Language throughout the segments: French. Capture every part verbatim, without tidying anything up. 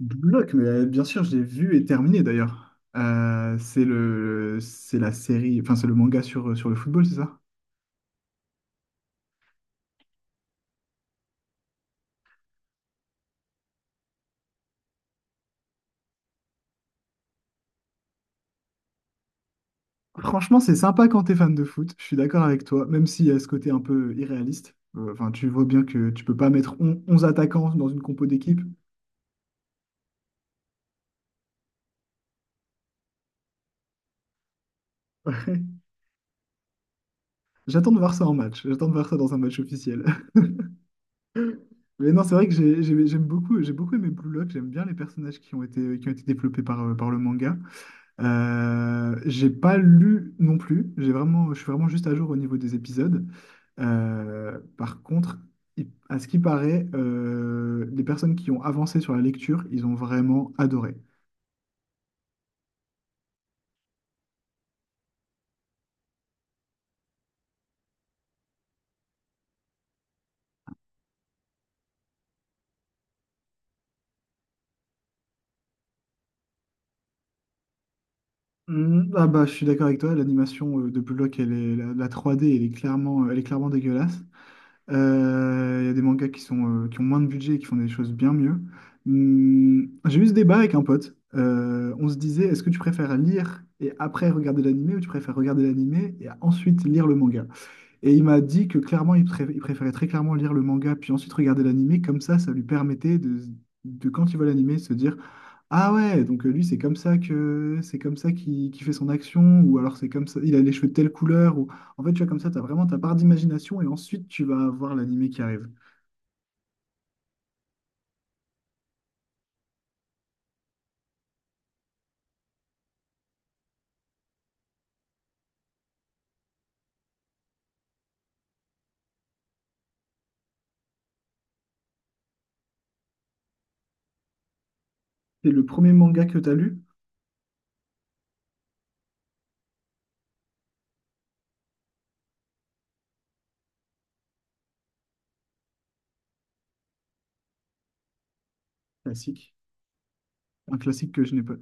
Block, mais euh, bien sûr, je l'ai vu et terminé d'ailleurs. Euh, c'est le, c'est la série, enfin c'est le manga sur, euh, sur le football, c'est ça? Franchement, c'est sympa quand t'es fan de foot. Je suis d'accord avec toi, même s'il y a ce côté un peu irréaliste. Euh, Enfin, tu vois bien que tu peux pas mettre on- onze attaquants dans une compo d'équipe. Ouais. J'attends de voir ça en match. J'attends de voir ça dans un match officiel. Mais non, c'est vrai que j'ai- j'ai- j'aime beaucoup, j'ai beaucoup aimé Blue Lock. J'aime bien les personnages qui ont été, qui ont été développés par, euh, par le manga. Euh, j'ai pas lu non plus. J'ai vraiment, je suis vraiment juste à jour au niveau des épisodes. Euh, par contre, il- à ce qui paraît, euh, les personnes qui ont avancé sur la lecture, ils ont vraiment adoré. Mm, ah bah, je suis d'accord avec toi. L'animation euh, de Block, elle est, la, la trois D, elle est clairement, elle est clairement dégueulasse. Euh, Il y a des mangas qui sont, euh, qui ont moins de budget et qui font des choses bien mieux. Hmm, j'ai eu ce débat avec un pote. Euh, on se disait, est-ce que tu préfères lire et après regarder l'animé ou tu préfères regarder l'animé et ensuite lire le manga? Et il m'a dit que clairement, il, pré- il préférait très clairement lire le manga puis ensuite regarder l'animé. Comme ça, ça lui permettait de, de quand il voit l'animé, se dire. Ah ouais, donc euh, lui, c'est comme ça que c'est comme ça qu'il qu'il fait son action, ou alors c'est comme ça, il a les cheveux de telle couleur, ou en fait, tu vois, comme ça, tu as vraiment ta part d'imagination, et ensuite, tu vas avoir l'animé qui arrive. C'est le premier manga que tu as lu? Classique, un classique que je n'ai pas,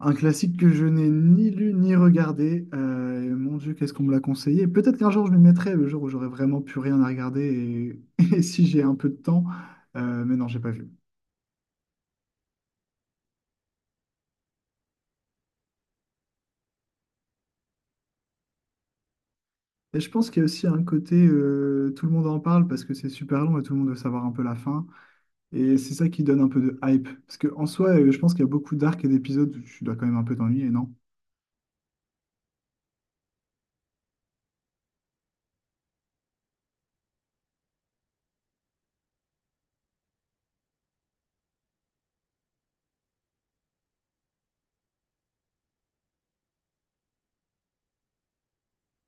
un classique que je n'ai ni lu ni regardé. euh, et mon Dieu, qu'est-ce qu'on me l'a conseillé. Peut-être qu'un jour, je m'y mettrai, le jour où j'aurai vraiment plus rien à regarder, et, et si j'ai un peu de temps, euh, mais non, j'ai pas vu. Et je pense qu'il y a aussi un côté, euh, tout le monde en parle parce que c'est super long et tout le monde veut savoir un peu la fin. Et c'est ça qui donne un peu de hype. Parce que en soi, euh, je pense qu'il y a beaucoup d'arcs et d'épisodes où tu dois quand même un peu t'ennuyer, non?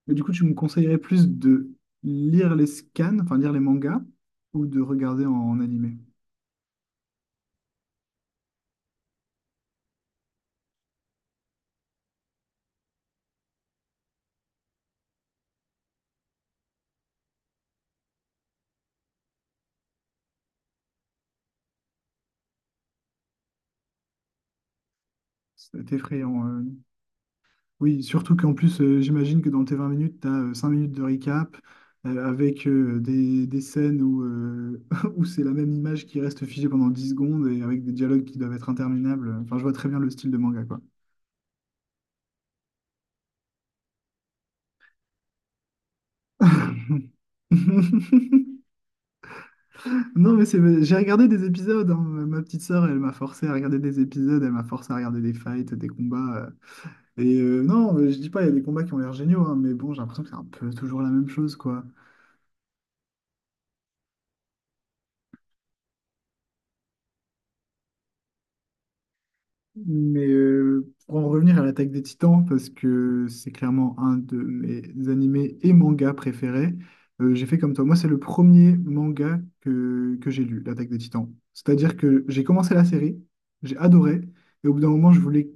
Mais du coup, tu me conseillerais plus de lire les scans, enfin lire les mangas, ou de regarder en, en animé. Ça va être effrayant. euh. Oui, surtout qu'en plus, euh, j'imagine que dans tes vingt minutes, tu as cinq minutes de recap euh, avec euh, des, des scènes où, euh, où c'est la même image qui reste figée pendant dix secondes et avec des dialogues qui doivent être interminables. Enfin, je vois très bien le style de manga, quoi. Non, mais c'est... j'ai regardé des épisodes, hein. Ma petite sœur, elle m'a forcé à regarder des épisodes, elle m'a forcé à regarder des fights, des combats. euh. Et euh, non, je dis pas, il y a des combats qui ont l'air géniaux, hein, mais bon, j'ai l'impression que c'est un peu toujours la même chose, quoi. Mais euh, pour en revenir à l'attaque des Titans, parce que c'est clairement un de mes animés et mangas préférés, euh, j'ai fait comme toi. Moi, c'est le premier manga que, que j'ai lu, l'attaque des Titans. C'est-à-dire que j'ai commencé la série, j'ai adoré, et au bout d'un moment, je voulais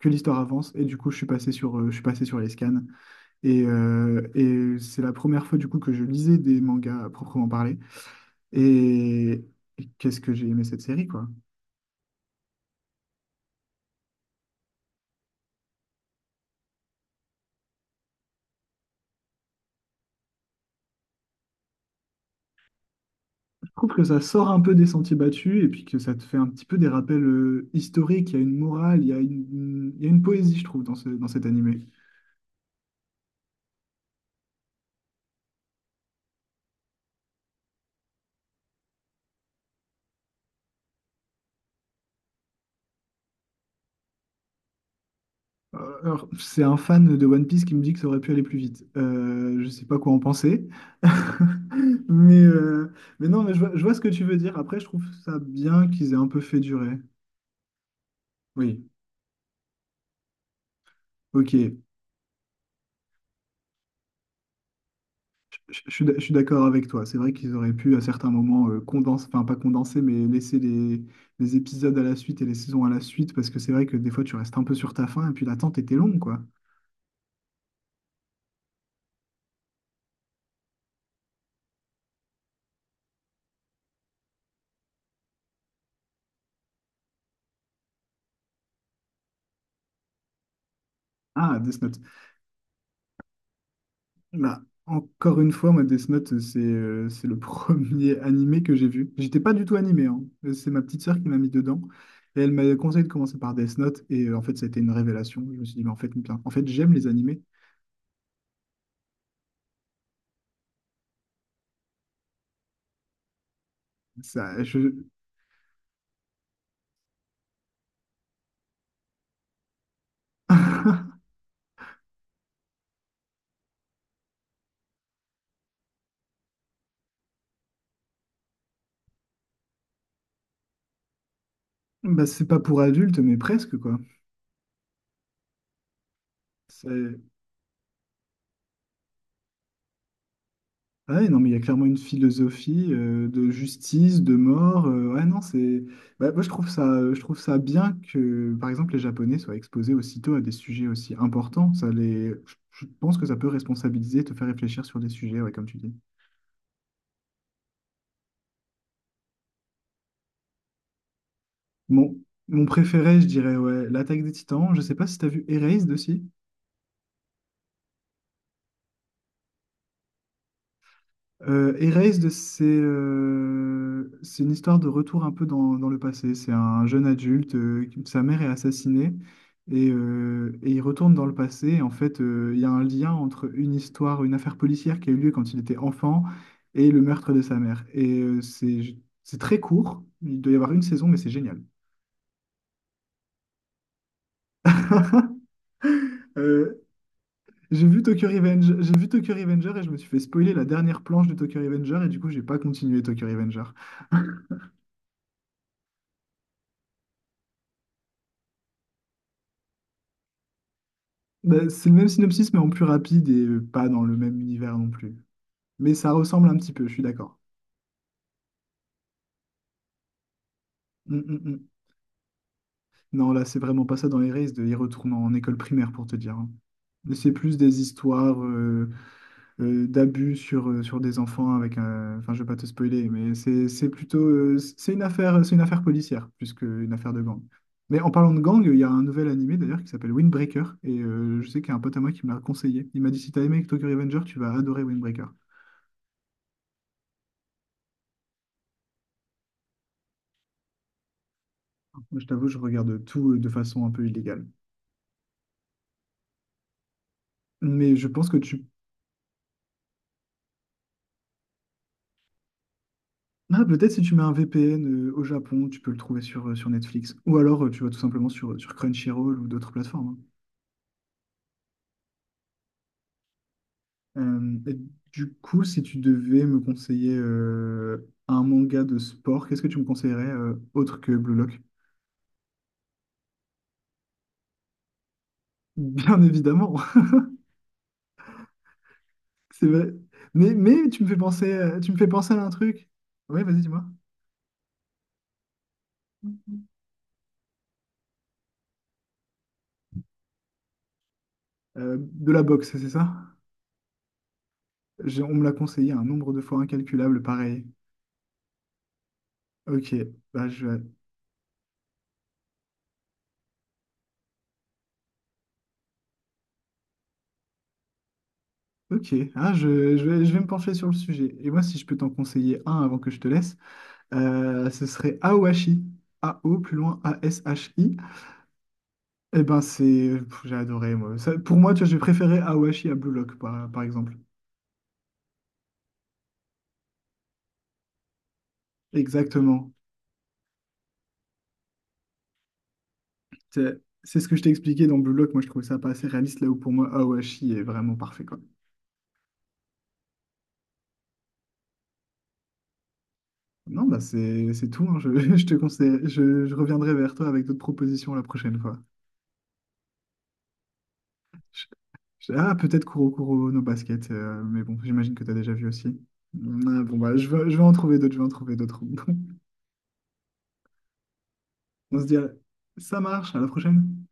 que l'histoire avance, et du coup, je suis passé sur, euh, je suis passé sur les scans. Et, euh, et c'est la première fois, du coup, que je lisais des mangas à proprement parler. Et, et qu'est-ce que j'ai aimé cette série, quoi. Je trouve que ça sort un peu des sentiers battus et puis que ça te fait un petit peu des rappels euh, historiques. Il y a une morale, il y a une, une- il y a une poésie, je trouve, dans ce, dans cet animé. Euh, alors, c'est un fan de One Piece qui me dit que ça aurait pu aller plus vite. Euh, je sais pas quoi en penser. Mais, euh, mais non, mais je vois, je vois ce que tu veux dire. Après, je trouve ça bien qu'ils aient un peu fait durer. Oui, ok. Je je suis d'ac- je suis d'accord avec toi. C'est vrai qu'ils auraient pu à certains moments euh, condenser, enfin pas condenser, mais laisser les, les épisodes à la suite et les saisons à la suite, parce que c'est vrai que des fois tu restes un peu sur ta faim et puis l'attente était longue, quoi. Ah, Death Note. Bah, encore une fois, moi, Death Note, c'est euh, c'est le premier animé que j'ai vu. J'étais pas du tout animé, hein. Euh, C'est ma petite sœur qui m'a mis dedans. Et elle m'a conseillé de commencer par Death Note, et euh, en fait, ça a été une révélation. Je me suis dit, mais en fait, bien, en fait, j'aime les animés. Ça, je... bah, c'est pas pour adultes, mais presque, quoi. C'est- Ouais, non, mais il y a clairement une philosophie euh, de justice, de mort. Euh, ouais, non, c'est. Bah, moi, je trouve ça, euh, je trouve ça bien que, par exemple, les Japonais soient exposés aussitôt à des sujets aussi importants. Ça les... Je je pense que ça peut responsabiliser, te faire réfléchir sur des sujets, ouais, comme tu dis. Mon, mon préféré, je dirais, ouais, l'attaque des Titans. Je sais pas si tu as vu Erased aussi. Euh, Erased, c'est euh, c'est une histoire de retour un peu dans, dans le passé. C'est un jeune adulte, euh, qui- sa mère est assassinée et, euh, et il retourne dans le passé. Et en fait, euh, il y a un lien entre une histoire, une affaire policière qui a eu lieu quand il était enfant et le meurtre de sa mère. Et euh, c'est c'est très court. Il doit y avoir une saison, mais c'est génial. Euh, j'ai vu Tokyo Revenge, j'ai vu Tokyo Revenger et je me suis fait spoiler la dernière planche de Tokyo Revenger et du coup, j'ai pas continué Tokyo Revenger. Bah, c'est le même synopsis, mais en plus rapide et euh, pas dans le même univers non plus. Mais ça ressemble un petit peu, je suis d'accord. Mm, mm, mm. Non, là, c'est vraiment pas ça dans les races, de y retourner en école primaire pour te dire, hein. C'est plus des histoires euh, euh, d'abus sur, euh, sur des enfants avec un... Enfin, je vais pas te spoiler, mais c'est c'est plutôt... euh, c'est une affaire, c'est une affaire policière, plus qu'une affaire de gang. Mais en parlant de gang, il y a un nouvel animé d'ailleurs qui s'appelle Windbreaker, et euh, je sais qu'il y a un pote à moi qui me l'a conseillé. Il m'a dit, si t'as aimé Tokyo Revenger, tu vas adorer Windbreaker. Je t'avoue, je regarde tout euh, de façon un peu illégale. Mais je pense que tu... Ah, peut-être si tu mets un V P N euh, au Japon, tu peux le trouver sur, euh, sur Netflix. Ou alors, euh, tu vas tout simplement sur, euh, sur Crunchyroll ou d'autres plateformes. Hein. Euh, et du coup, si tu devais me conseiller euh, un manga de sport, qu'est-ce que tu me conseillerais euh, autre que Blue Lock? Bien évidemment, c'est vrai. Mais, mais tu me fais penser, euh, tu me fais penser à un truc. Oui, vas-y, dis-moi. Euh, de la boxe, c'est ça? J'ai- on me l'a conseillé un nombre de fois incalculable, pareil. Ok, bah, je vais... Ok, hein, je, je vais, je vais me pencher sur le sujet. Et moi, si je peux t'en conseiller un avant que je te laisse, euh, ce serait Aoashi. A-O, plus loin, A-S-H-I. Eh ben, c'est... pff, j'ai adoré, moi. Ça- pour moi, tu vois, j'ai préféré Aoashi à Blue Lock, par, par exemple. Exactement. C'est c'est ce que je t'ai expliqué dans Blue Lock. Moi, je trouvais ça pas assez réaliste, là où pour moi, Aoashi est vraiment parfait, quoi. Non, bah, c'est c'est tout, hein. Je, je te conseille... Je, je reviendrai vers toi avec d'autres propositions la prochaine fois. Je- Ah, peut-être Kuro Kuro no Basket, euh, mais bon, j'imagine que tu as déjà vu aussi. Ah, bon, bah, je vais, je vais en trouver d'autres, je vais en trouver d'autres. on se dit, à- ça marche, à la prochaine.